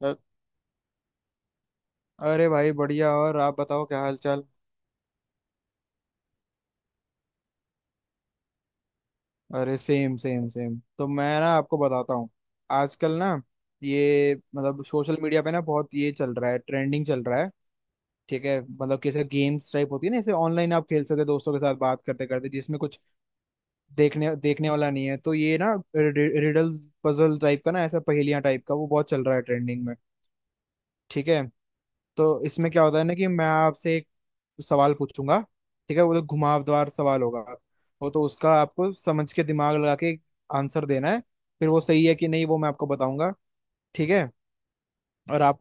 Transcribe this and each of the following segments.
अ- अरे भाई बढ़िया। और आप बताओ, क्या हाल चाल? अरे सेम सेम सेम तो मैं ना आपको बताता हूँ। आजकल ना ये मतलब सोशल मीडिया पे ना बहुत ये चल रहा है, ट्रेंडिंग चल रहा है। ठीक है, मतलब कैसे गेम्स टाइप होती है ना, जैसे ऑनलाइन आप खेल सकते हैं दोस्तों के साथ बात करते करते, जिसमें कुछ देखने देखने वाला नहीं है, तो ये ना रिडल्स पजल टाइप का ना, ऐसा पहेलियां टाइप का, वो बहुत चल रहा है ट्रेंडिंग में। ठीक है। तो इसमें क्या होता है ना, कि मैं आपसे सवाल पूछूंगा। ठीक है, वो तो घुमावदार सवाल होगा। वो तो उसका आपको समझ के, दिमाग लगा के आंसर देना है। फिर वो सही है कि नहीं, वो मैं आपको बताऊंगा, ठीक है? और आप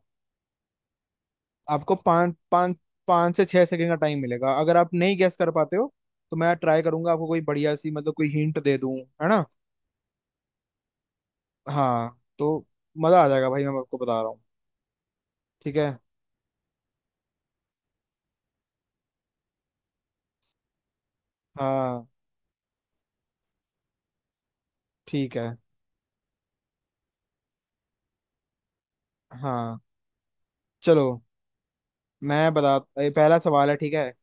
आपको पाँच पाँच पाँच से छह सेकंड का टाइम मिलेगा। अगर आप नहीं गैस कर पाते हो तो मैं ट्राई करूंगा आपको कोई बढ़िया सी, मतलब कोई हिंट दे दूं, है ना। हाँ तो मजा आ जाएगा भाई, मैं आपको बता रहा हूँ। ठीक है। हाँ। ठीक है। हाँ चलो। मैं बता ये पहला सवाल है, ठीक है।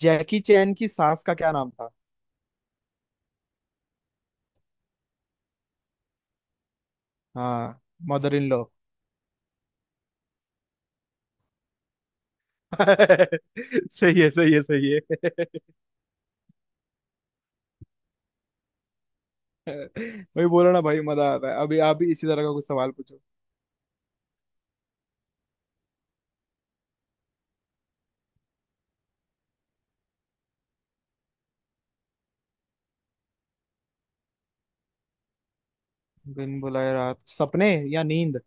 जैकी चैन की सास का क्या नाम था? हाँ, मदर इन लॉ। सही है सही है सही है वही बोला ना भाई, मजा आता है। अभी आप भी इसी तरह का कुछ सवाल पूछो। दिन बुलाए रात सपने, या नींद।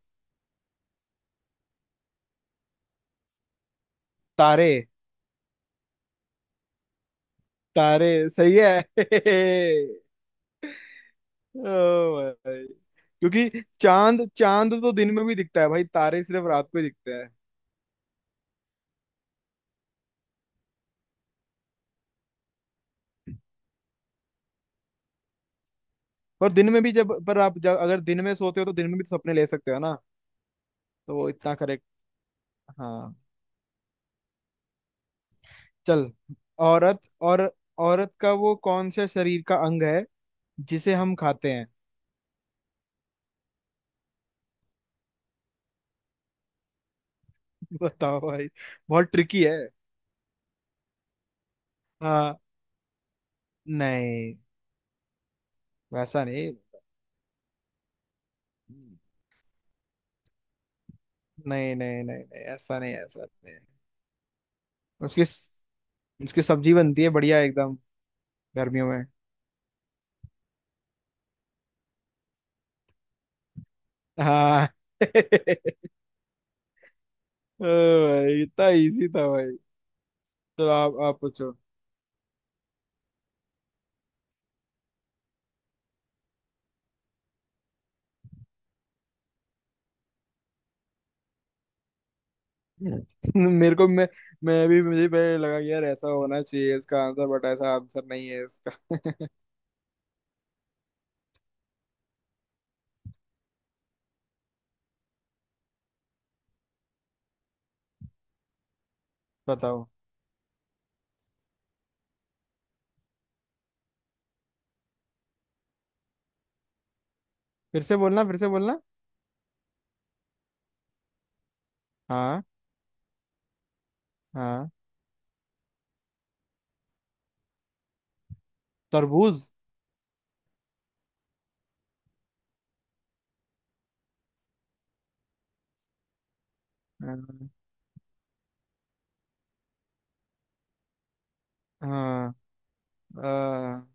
तारे। तारे सही है ओ भाई। क्योंकि चांद चांद तो दिन में भी दिखता है भाई, तारे सिर्फ रात को ही दिखते हैं। पर दिन में भी, जब पर आप जब अगर दिन में सोते हो तो दिन में भी तो सपने ले सकते हो ना, तो वो इतना करेक्ट। हाँ चल। औरत, और औरत का वो कौन सा शरीर का अंग है जिसे हम खाते हैं? बताओ भाई, बहुत ट्रिकी है। हाँ। नहीं, वैसा नहीं। नहीं, नहीं। नहीं नहीं, ऐसा नहीं, ऐसा नहीं। उसकी उसकी सब्जी बनती है बढ़िया एकदम गर्मियों में। हाँ ओ भाई इतना इजी था भाई। चलो आप पूछो। मेरे को मैं भी, मुझे पहले लगा कि यार ऐसा होना चाहिए इसका आंसर, बट ऐसा आंसर नहीं है इसका बताओ। फिर से बोलना। हाँ। हाँ। तरबूज। हाँ। हाँ। आ,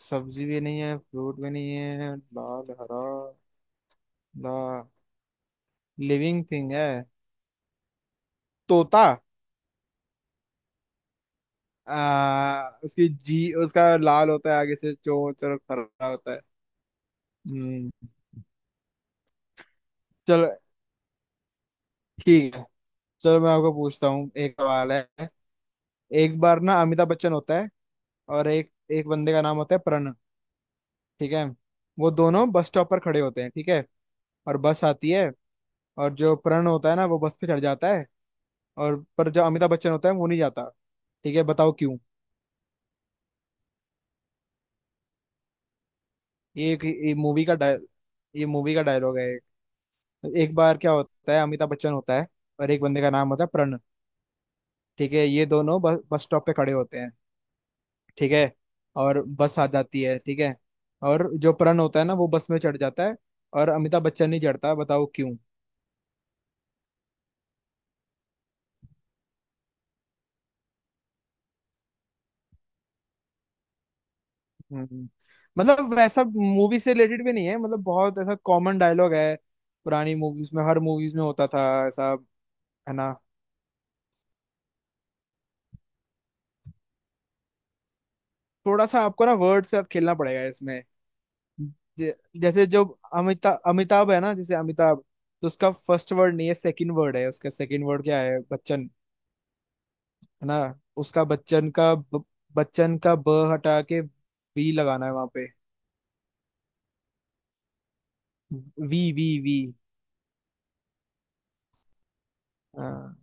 सब्जी भी नहीं है, फ्रूट भी नहीं है, लाल हरा। ला लिविंग थिंग है। तोता। आ, उसकी जी उसका लाल होता है आगे से चोंच और हरा होता है। हम्म। चलो ठीक है। चलो मैं आपको पूछता हूँ, एक सवाल है। एक बार ना अमिताभ बच्चन होता है, और एक एक बंदे का नाम होता है प्रण, ठीक है। वो दोनों बस स्टॉप पर खड़े होते हैं, ठीक है। और बस आती है, और जो प्रण होता है ना वो बस पे चढ़ जाता है, और पर जो अमिताभ बच्चन होता है वो नहीं जाता। ठीक है, बताओ क्यों। ये एक ये मूवी का डाय ये मूवी का डायलॉग है। एक एक बार क्या होता है, अमिताभ बच्चन होता है, और एक बंदे का नाम होता है प्रण। ठीक है, ये दोनों बस बस स्टॉप पे खड़े होते हैं, ठीक है। और बस आ जाती है, ठीक है। और जो प्रण होता है ना वो बस में चढ़ जाता है, और अमिताभ बच्चन नहीं चढ़ता। बताओ क्यों। हम्म। मतलब वैसा मूवी से रिलेटेड भी नहीं है, मतलब बहुत ऐसा कॉमन डायलॉग है, पुरानी मूवीज में, हर मूवीज में होता था ऐसा, है ना। थोड़ा सा आपको ना वर्ड से खेलना पड़ेगा इसमें। जे- जैसे जो अमिताभ अमिताभ है ना, जैसे अमिताभ, तो उसका फर्स्ट वर्ड नहीं है, सेकंड वर्ड है, उसका सेकंड वर्ड क्या है? बच्चन, है ना। उसका बच्चन का ब हटा के वी लगाना है वहां पे। V V V. हाँ।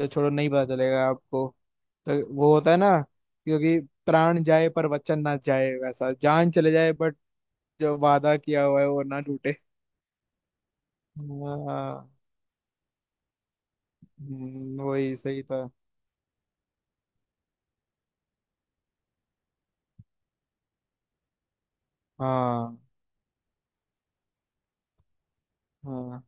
तो छोड़ो, नहीं पता चलेगा आपको, तो वो होता है ना, क्योंकि प्राण जाए पर वचन ना जाए, वैसा जान चले जाए बट जो वादा किया हुआ है वो ना टूटे। हाँ। वही सही था। हाँ। हाँ।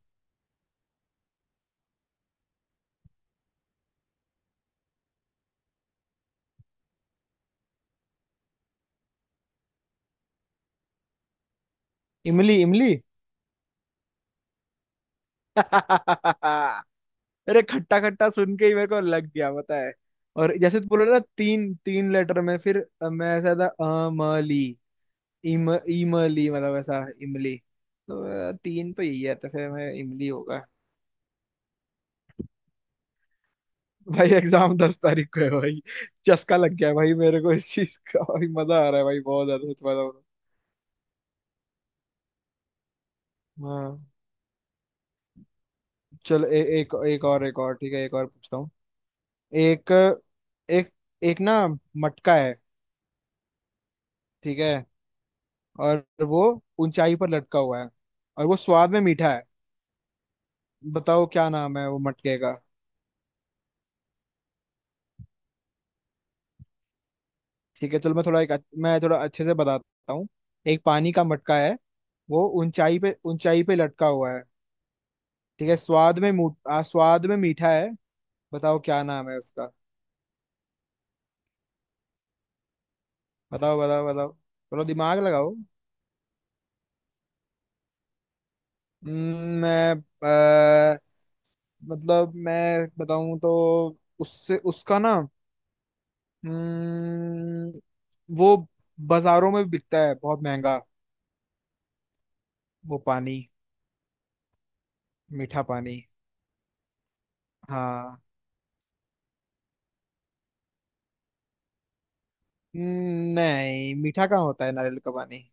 इमली इमली। अरे खट्टा खट्टा सुन के ही मेरे को लग गया, पता है। और जैसे तू बोला ना तीन तीन लेटर में, फिर अ, मैं ऐसा था अमली, इम इमली, मतलब ऐसा इमली। तो अ, तीन तो यही है, तो फिर मैं इमली होगा। भाई एग्जाम दस तारीख को है भाई। चस्का लग गया है भाई मेरे को इस चीज का, भाई मजा आ रहा है भाई, बहुत ज्यादा सच बता रहा हूँ। हाँ चल। एक एक और एक और, ठीक है, एक और पूछता हूँ। एक एक एक ना मटका है, ठीक है। और वो ऊंचाई पर लटका हुआ है, और वो स्वाद में मीठा है। बताओ क्या नाम है वो मटके का। ठीक है चलो, मैं थोड़ा मैं थोड़ा अच्छे से बताता हूँ। एक पानी का मटका है, वो ऊंचाई पे लटका हुआ है, ठीक है। आ, स्वाद में मीठा है। बताओ क्या नाम है उसका? बताओ बताओ बताओ। थोड़ा दिमाग लगाओ। हम्म। मैं अ, मतलब मैं बताऊं तो उससे उसका ना। हम्म, वो बाजारों में बिकता है बहुत महंगा, वो पानी, मीठा पानी। हाँ। नहीं, मीठा कहाँ होता है नारियल का पानी।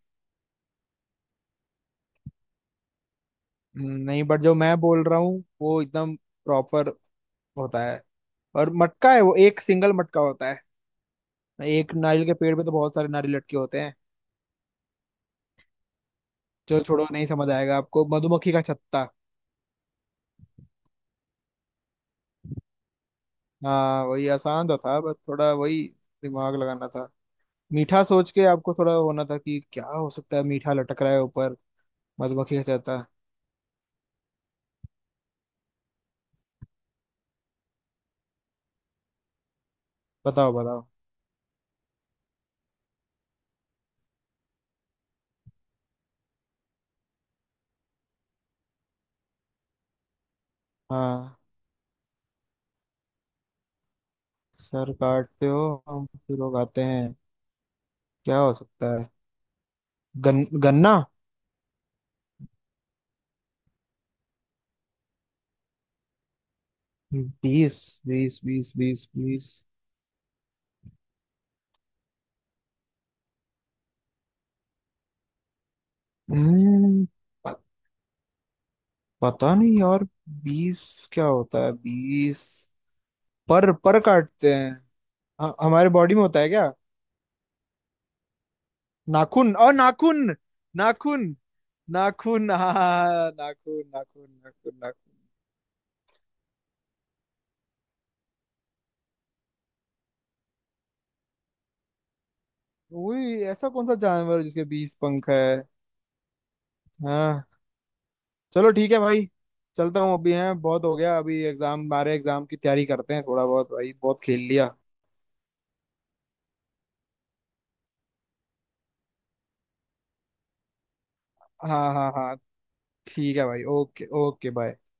नहीं, बट जो मैं बोल रहा हूँ वो एकदम प्रॉपर होता है, और मटका है, वो एक सिंगल मटका होता है। एक नारियल के पेड़ पे तो बहुत सारे नारियल लटके होते हैं। जो छोड़ो, नहीं समझ आएगा आपको, मधुमक्खी का छत्ता। हाँ वही, आसान तो था, बस थोड़ा वही दिमाग लगाना था। मीठा सोच के आपको थोड़ा होना था कि क्या हो सकता है मीठा लटक रहा है ऊपर, मधुमक्खी का छत्ता। बताओ बताओ। हाँ। सर काटते हो हम फिर उगाते हैं, क्या हो सकता है? गन्ना। बीस बीस बीस बीस बीस। हम्म, प- पता नहीं यार, बीस क्या होता है बीस? पर काटते हैं? हमारे बॉडी में होता है क्या? नाखून, और नाखून, नाखून नाखून। हाँ, नाखून नाखून नाखून नाखून। वही ऐसा कौन सा जानवर है जिसके बीस पंख है। हाँ। चलो ठीक है भाई, चलता हूँ अभी। हैं, बहुत हो गया अभी, एग्जाम हमारे, एग्जाम की तैयारी करते हैं थोड़ा बहुत भाई, बहुत खेल लिया। हाँ हाँ हाँ। ठीक है भाई, ओके ओके बाय।